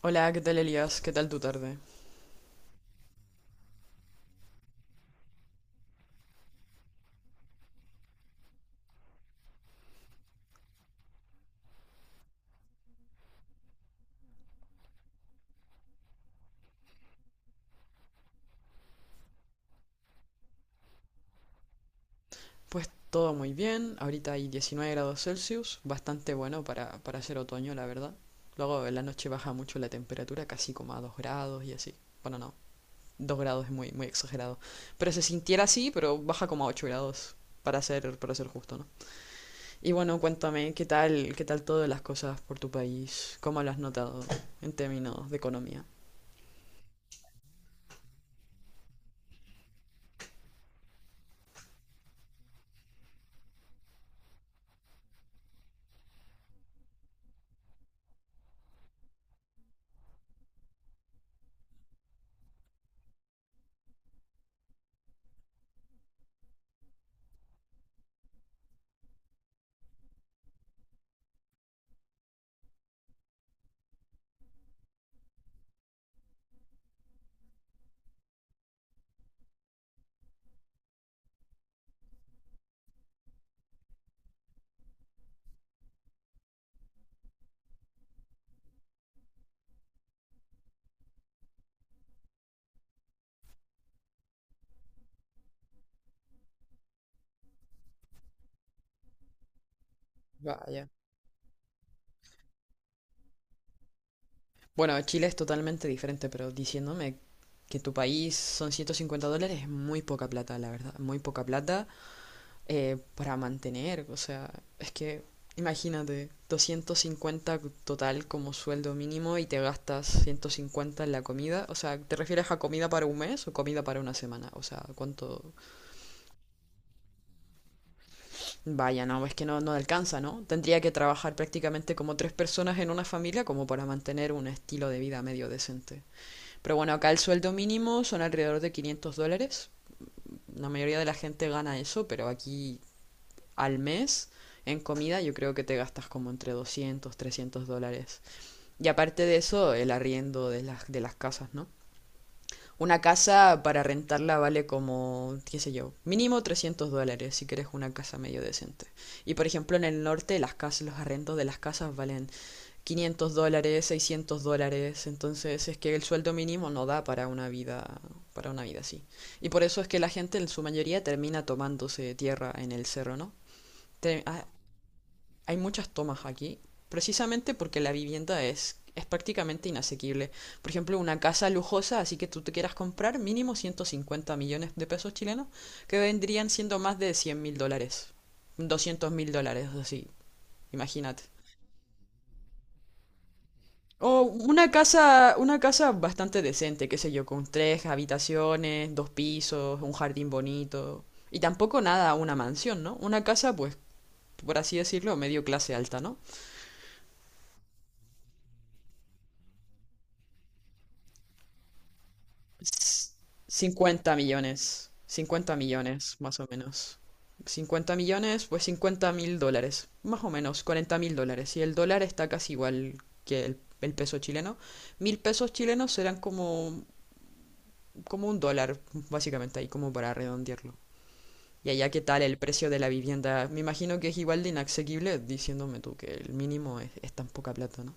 Hola, ¿qué tal Elías? ¿Qué tal tu tarde? Pues todo muy bien, ahorita hay 19 grados Celsius, bastante bueno para hacer otoño, la verdad. Luego en la noche baja mucho la temperatura, casi como a 2 grados y así. Bueno, no, 2 grados es muy, muy exagerado. Pero se sintiera así, pero baja como a 8 grados, para ser justo, ¿no? Y bueno, cuéntame, qué tal todas las cosas por tu país? ¿Cómo lo has notado en términos de economía? Vaya. Bueno, Chile es totalmente diferente, pero diciéndome que tu país son $150, es muy poca plata, la verdad, muy poca plata para mantener, o sea, es que imagínate, 250 total como sueldo mínimo y te gastas 150 en la comida, o sea, ¿te refieres a comida para un mes o comida para una semana? O sea, ¿cuánto? Vaya, no, es que no, no alcanza, ¿no? Tendría que trabajar prácticamente como tres personas en una familia como para mantener un estilo de vida medio decente. Pero bueno, acá el sueldo mínimo son alrededor de $500, la mayoría de la gente gana eso, pero aquí al mes en comida yo creo que te gastas como entre 200, $300. Y aparte de eso, el arriendo de las casas, ¿no? Una casa para rentarla vale como, qué sé yo, mínimo $300 si quieres una casa medio decente. Y por ejemplo en el norte las casas, los arrendos de las casas valen 500 dólares, 600 dólares, entonces es que el sueldo mínimo no da para una vida así. Y por eso es que la gente en su mayoría termina tomándose tierra en el cerro, ¿no? Te- ha- Hay muchas tomas aquí, precisamente porque la vivienda es prácticamente inasequible. Por ejemplo, una casa lujosa, así que tú te quieras comprar mínimo 150 millones de pesos chilenos, que vendrían siendo más de 100 mil dólares, 200 mil dólares, así, imagínate. O una casa bastante decente, qué sé yo, con tres habitaciones, dos pisos, un jardín bonito. Y tampoco nada, una mansión, ¿no? Una casa, pues, por así decirlo, medio clase alta, ¿no? S- 50 millones. Cincuenta millones, más o menos. Cincuenta millones, pues 50 mil dólares. Más o menos, 40 mil dólares. Y el dólar está casi igual que el peso chileno. Mil pesos chilenos serán como, como un dólar, básicamente, ahí como para redondearlo. Y allá, ¿qué tal el precio de la vivienda? Me imagino que es igual de inasequible, diciéndome tú que el mínimo es tan poca plata, ¿no?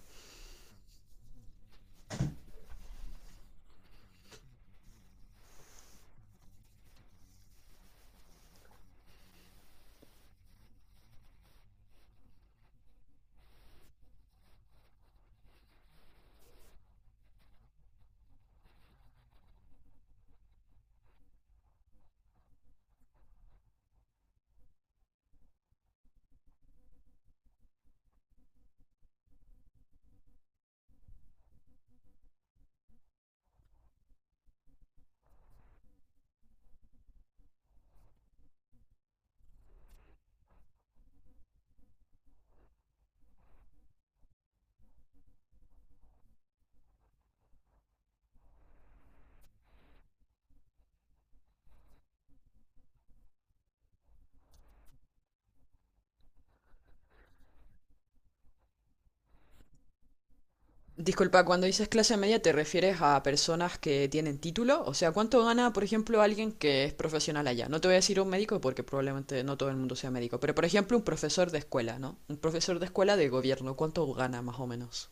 Disculpa, cuando dices clase media, ¿te refieres a personas que tienen título? O sea, ¿cuánto gana, por ejemplo, alguien que es profesional allá? No te voy a decir un médico porque probablemente no todo el mundo sea médico, pero por ejemplo, un profesor de escuela, ¿no? Un profesor de escuela de gobierno, ¿cuánto gana más o menos?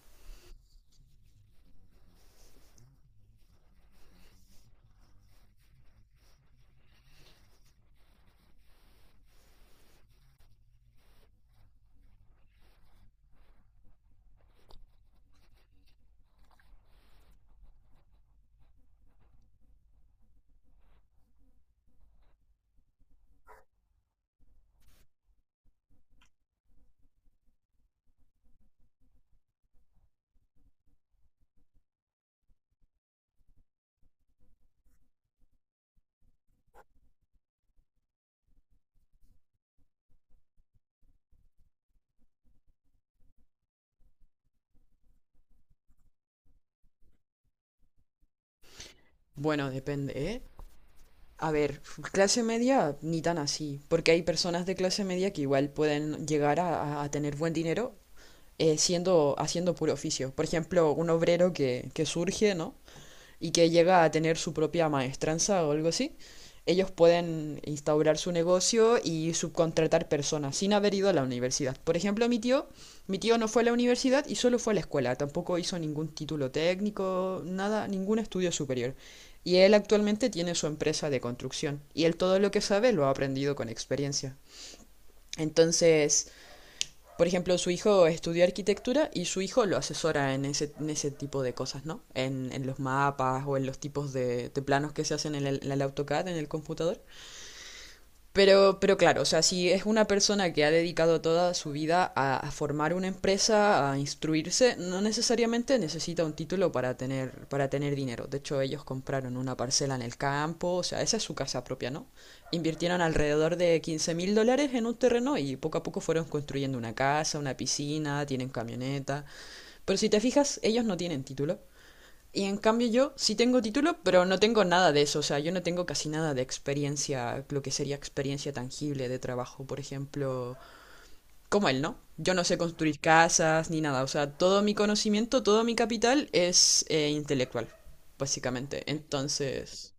Bueno, depende, ¿eh? A ver, clase media ni tan así, porque hay personas de clase media que igual pueden llegar a, a tener buen dinero, siendo, haciendo puro oficio. Por ejemplo, un obrero que surge, ¿no? Y que llega a tener su propia maestranza o algo así. Ellos pueden instaurar su negocio y subcontratar personas sin haber ido a la universidad. Por ejemplo, mi tío no fue a la universidad y solo fue a la escuela. Tampoco hizo ningún título técnico, nada, ningún estudio superior. Y él actualmente tiene su empresa de construcción. Y él todo lo que sabe lo ha aprendido con experiencia. Entonces, por ejemplo, su hijo estudió arquitectura y su hijo lo asesora en ese tipo de cosas, ¿no? En los mapas o en los tipos de planos que se hacen en el AutoCAD, en el computador. Pero claro, o sea, si es una persona que ha dedicado toda su vida a formar una empresa, a instruirse, no necesariamente necesita un título para tener dinero. De hecho, ellos compraron una parcela en el campo, o sea, esa es su casa propia, ¿no? Invirtieron alrededor de 15 mil dólares en un terreno y poco a poco fueron construyendo una casa, una piscina, tienen camioneta. Pero si te fijas, ellos no tienen título. Y en cambio yo sí tengo título, pero no tengo nada de eso. O sea, yo no tengo casi nada de experiencia, lo que sería experiencia tangible de trabajo, por ejemplo, como él, ¿no? Yo no sé construir casas ni nada. O sea, todo mi conocimiento, todo mi capital es intelectual, básicamente. Entonces,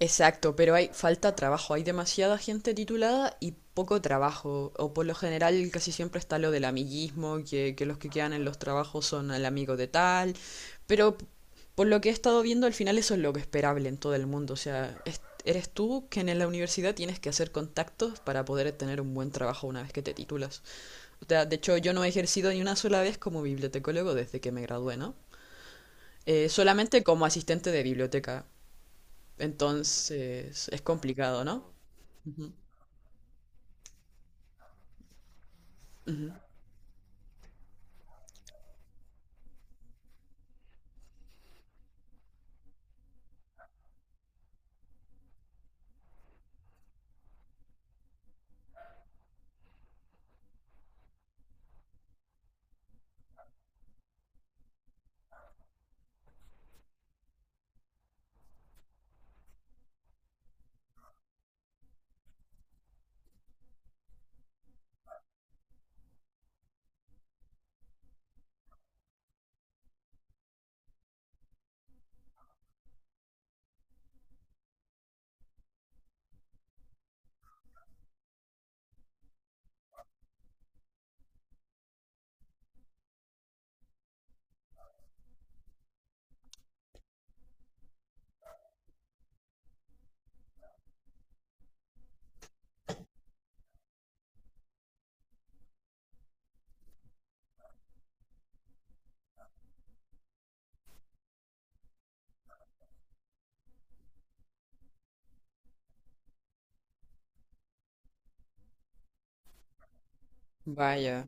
exacto, pero hay falta trabajo, hay demasiada gente titulada y poco trabajo, o por lo general casi siempre está lo del amiguismo, que los que quedan en los trabajos son el amigo de tal, pero p- por lo que he estado viendo al final eso es lo que esperable en todo el mundo, o sea, eres tú que en la universidad tienes que hacer contactos para poder tener un buen trabajo una vez que te titulas. O sea, de hecho yo no he ejercido ni una sola vez como bibliotecólogo desde que me gradué, ¿no? Solamente como asistente de biblioteca. Entonces, es complicado, no. Ujú, ujú. Vaya.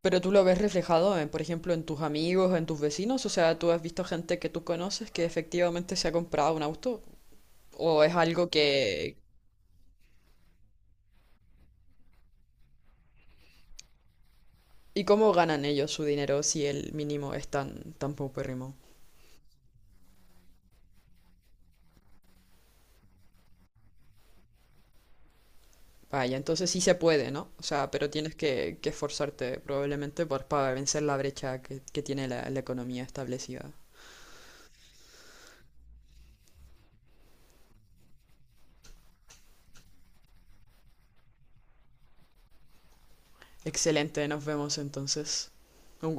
Pero tú lo ves reflejado, en, por ejemplo, en tus amigos, en tus vecinos. O sea, tú has visto gente que tú conoces que efectivamente se ha comprado un auto. O es algo que... ¿Y cómo ganan ellos su dinero si el mínimo es tan, tan paupérrimo? Vaya, entonces sí se puede, ¿no? O sea, pero tienes que esforzarte probablemente por, para vencer la brecha que tiene la, la economía establecida. Excelente, nos vemos entonces. Un